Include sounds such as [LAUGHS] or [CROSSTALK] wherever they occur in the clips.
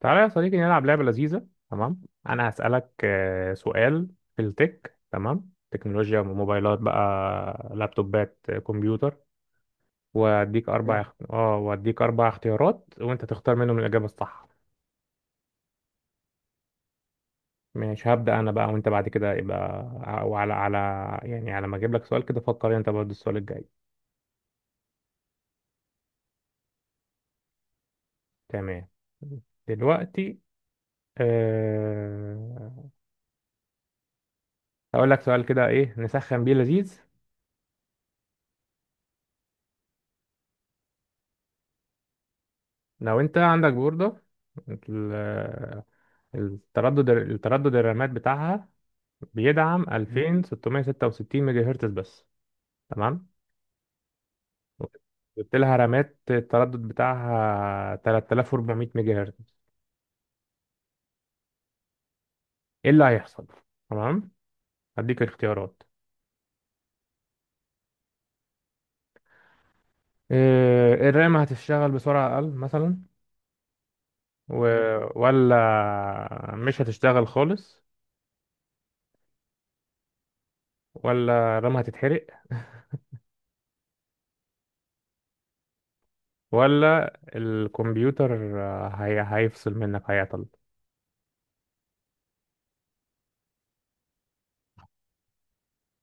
تعالى يا صديقي، نلعب لعبة لذيذة. تمام، أنا هسألك سؤال في التك، تمام، تكنولوجيا، موبايلات بقى، لابتوبات، كمبيوتر. وأديك أربع اختيارات وأنت تختار منهم الإجابة الصح. مش هبدأ أنا بقى، وأنت بعد كده يبقى. وعلى يعني، على ما أجيب لك سؤال كده، فكر أنت برضه السؤال الجاي. تمام. دلوقتي أه... هقول لك سؤال كده إيه نسخن بيه لذيذ. لو أنت عندك بوردة، التردد الرامات بتاعها بيدعم 2666 ميجا هرتز بس. تمام. جبت لها رامات التردد بتاعها 3400 ميجا هرتز، ايه اللي هيحصل؟ تمام، هديك الاختيارات. إيه، الرام هتشتغل بسرعة أقل مثلا، و... ولا مش هتشتغل خالص، ولا الرام هتتحرق، ولا الكمبيوتر هيفصل منك، هيعطل.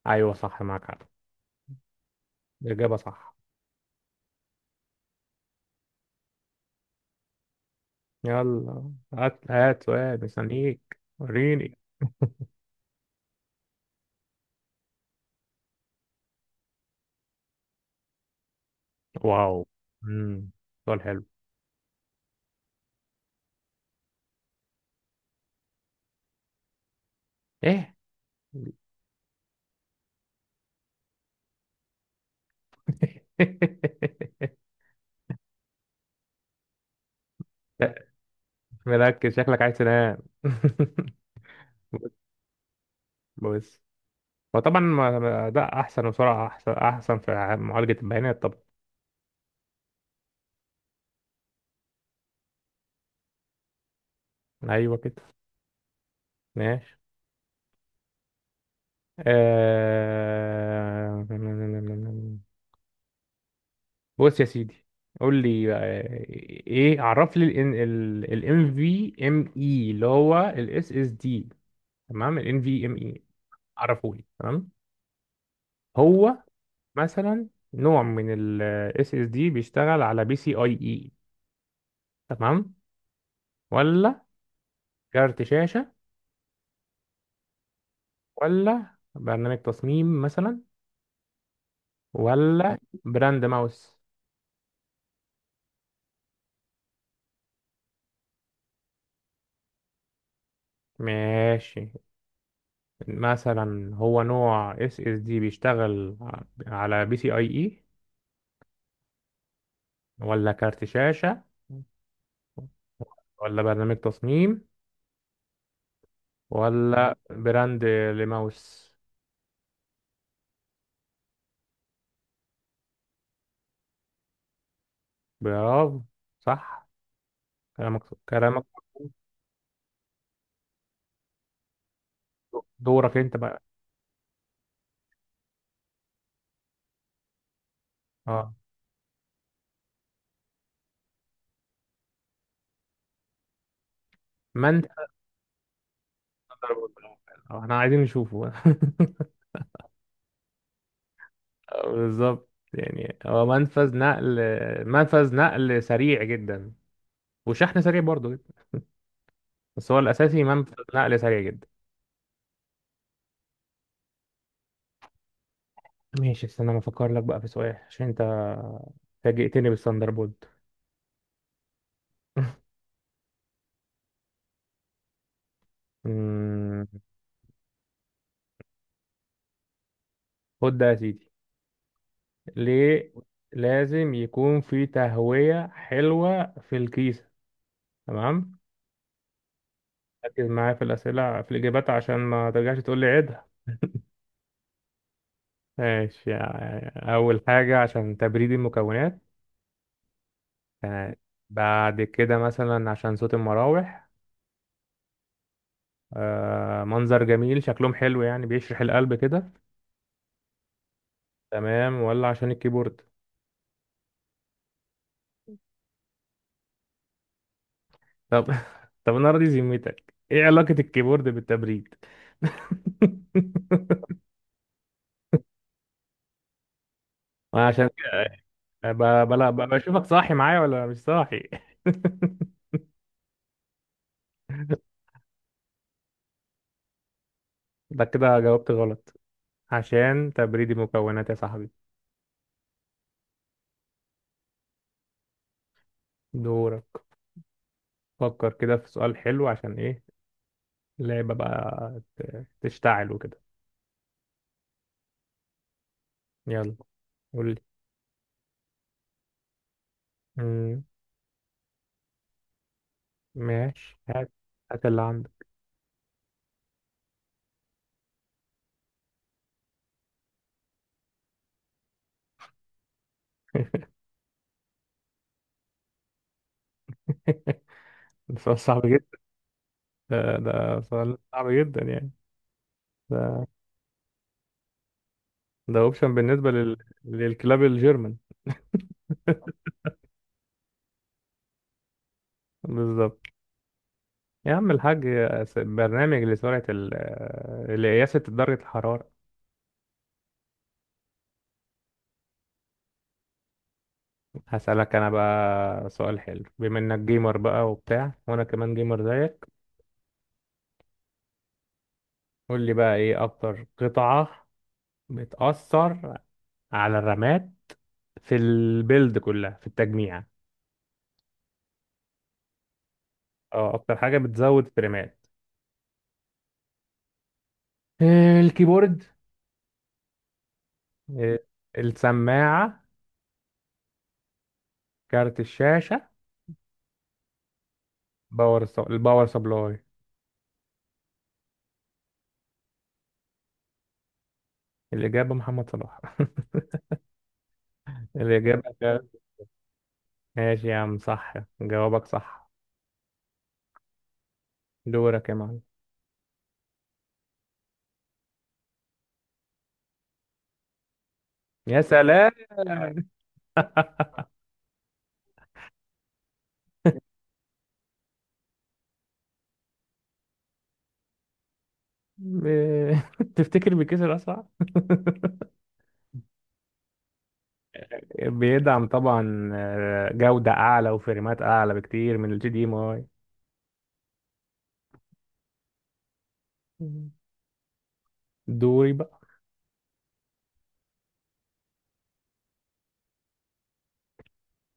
أيوة صح، معاك حق، الإجابة صح. يلا هات هات سؤال، مستنيك. وريني. واو. امم سؤال حلو. ايه؟ [LAUGHS] لا، مركز، شكلك عايز تنام. [LAUGHS] بص، هو طبعا ده احسن، وسرعه احسن احسن في معالجه البيانات طبعا. ايوه كده. ماشي. آه... بص يا سيدي، قول لي، ايه، عرف لي الام في ام اي اللي هو الاس اس دي، تمام، ال NVMe، عرفولي. تمام. هو مثلا نوع من ال SSD بيشتغل على بي سي اي اي، تمام، ولا كارت شاشة، ولا برنامج تصميم مثلا، ولا براند ماوس. ماشي، مثلا هو نوع SSD بيشتغل على بي سي اي اي، ولا كارت شاشة، ولا برنامج تصميم، ولا براند لماوس. برافو، صح كلامك كلامك. دورك انت بقى. اه، ما انت ضربة القلم. اه، احنا عايزين نشوفه. [LAUGHS] بالظبط. يعني هو منفذ نقل سريع جدا، وشحن سريع برضه جدا، بس هو الاساسي منفذ نقل سريع جدا. ماشي، استنى ما افكر لك بقى في سؤال عشان انت فاجئتني بالثاندر بولت. أمم، خد ده يا سيدي. ليه لازم يكون في تهوية حلوة في الكيسة؟ تمام، ركز معايا في الأسئلة، في الإجابات، عشان ما ترجعش تقول لي عيد. ماشي، يعني أول حاجة عشان تبريد المكونات، بعد كده مثلا عشان صوت المراوح، منظر جميل، شكلهم حلو يعني، بيشرح القلب كده، تمام، ولا عشان الكيبورد. طب [LAUGHS] طب أنا راضي ذمتك، إيه علاقة الكيبورد بالتبريد؟ [LAUGHS] عشان كده بشوفك صاحي معايا ولا مش صاحي. [LAUGHS] ده كده جاوبت غلط، عشان تبريد المكونات يا صاحبي. دورك، فكر كده في سؤال حلو عشان ايه اللعبة بقى تشتعل وكده. يلا، قول لي. مم، ماشي، هات، هات اللي عندك. [LAUGHS] ده سؤال صعب جدا. ده سؤال صعب جدا يعني. ده ده اوبشن بالنسبة لل... للكلاب الجيرمان. بالظبط، يا عم الحاج، برنامج لسرعة لقياسة درجة الحرارة. هسألك أنا بقى سؤال حلو، بما إنك جيمر بقى وبتاع، وأنا كمان جيمر زيك. قول لي بقى إيه أكتر قطعة بتأثر على الرامات في البيلد كلها، في التجميع. اه، اكتر حاجه بتزود فريمات. الكيبورد، آه، السماعه، كارت الشاشه، الباور سبلاي. الاجابه محمد صلاح. [LAUGHS] الاجابه كارت. ماشي يا عم، صح، جوابك صح. دورك يا معلم. يا سلام. [LAUGHS] ب- [LAUGHS] تفتكر بيكسر اسرع؟ [LAUGHS] بيدعم طبعا جوده اعلى وفريمات اعلى بكتير من الجي دي ام اي. دوري بقى.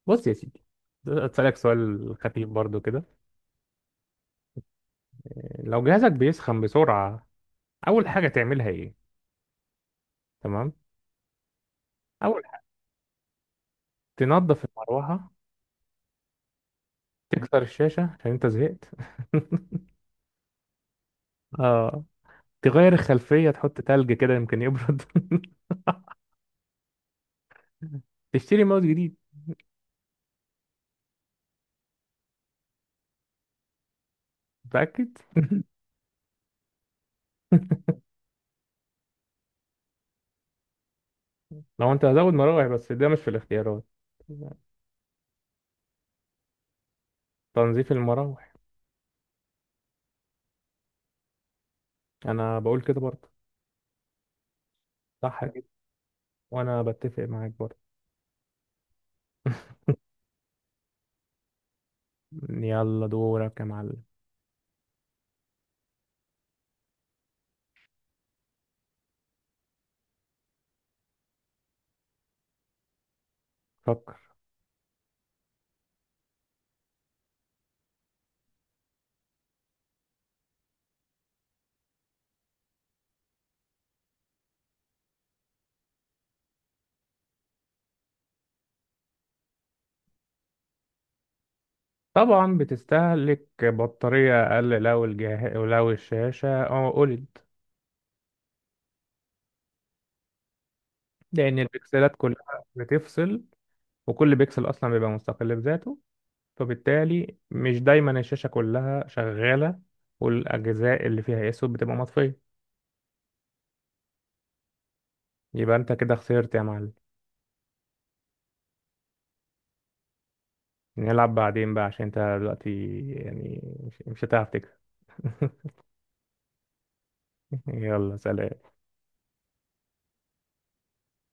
بص يا سيدي، اسالك سؤال خفيف برضو كده. لو جهازك بيسخن بسرعه، اول حاجه تعملها ايه؟ تمام. اول حاجه تنظف المروحه، تكسر الشاشه عشان انت زهقت، [LAUGHS] اه تغير الخلفيه، تحط تلج كده يمكن يبرد، [LAUGHS] تشتري ماوس جديد. متاكد؟ [LAUGHS] لو انت هزود مراوح، بس ده مش في الاختيارات. تنظيف المراوح، انا بقول كده برضه. صح كده. وانا بتفق معاك برضه. [LAUGHS] يلا دورك يا معلم. فكر. طبعا بتستهلك بطارية أقل لو الجهاز لو الشاشة أولد، لأن البكسلات كلها بتفصل، وكل بكسل أصلا بيبقى مستقل بذاته، فبالتالي مش دايما الشاشة كلها شغالة، والأجزاء اللي فيها أسود بتبقى مطفية. يبقى أنت كده خسرت يا معلم. نلعب بعدين بقى عشان أنت دلوقتي يعني مش هتعرف تكسب. [LAUGHS] يلا سلام.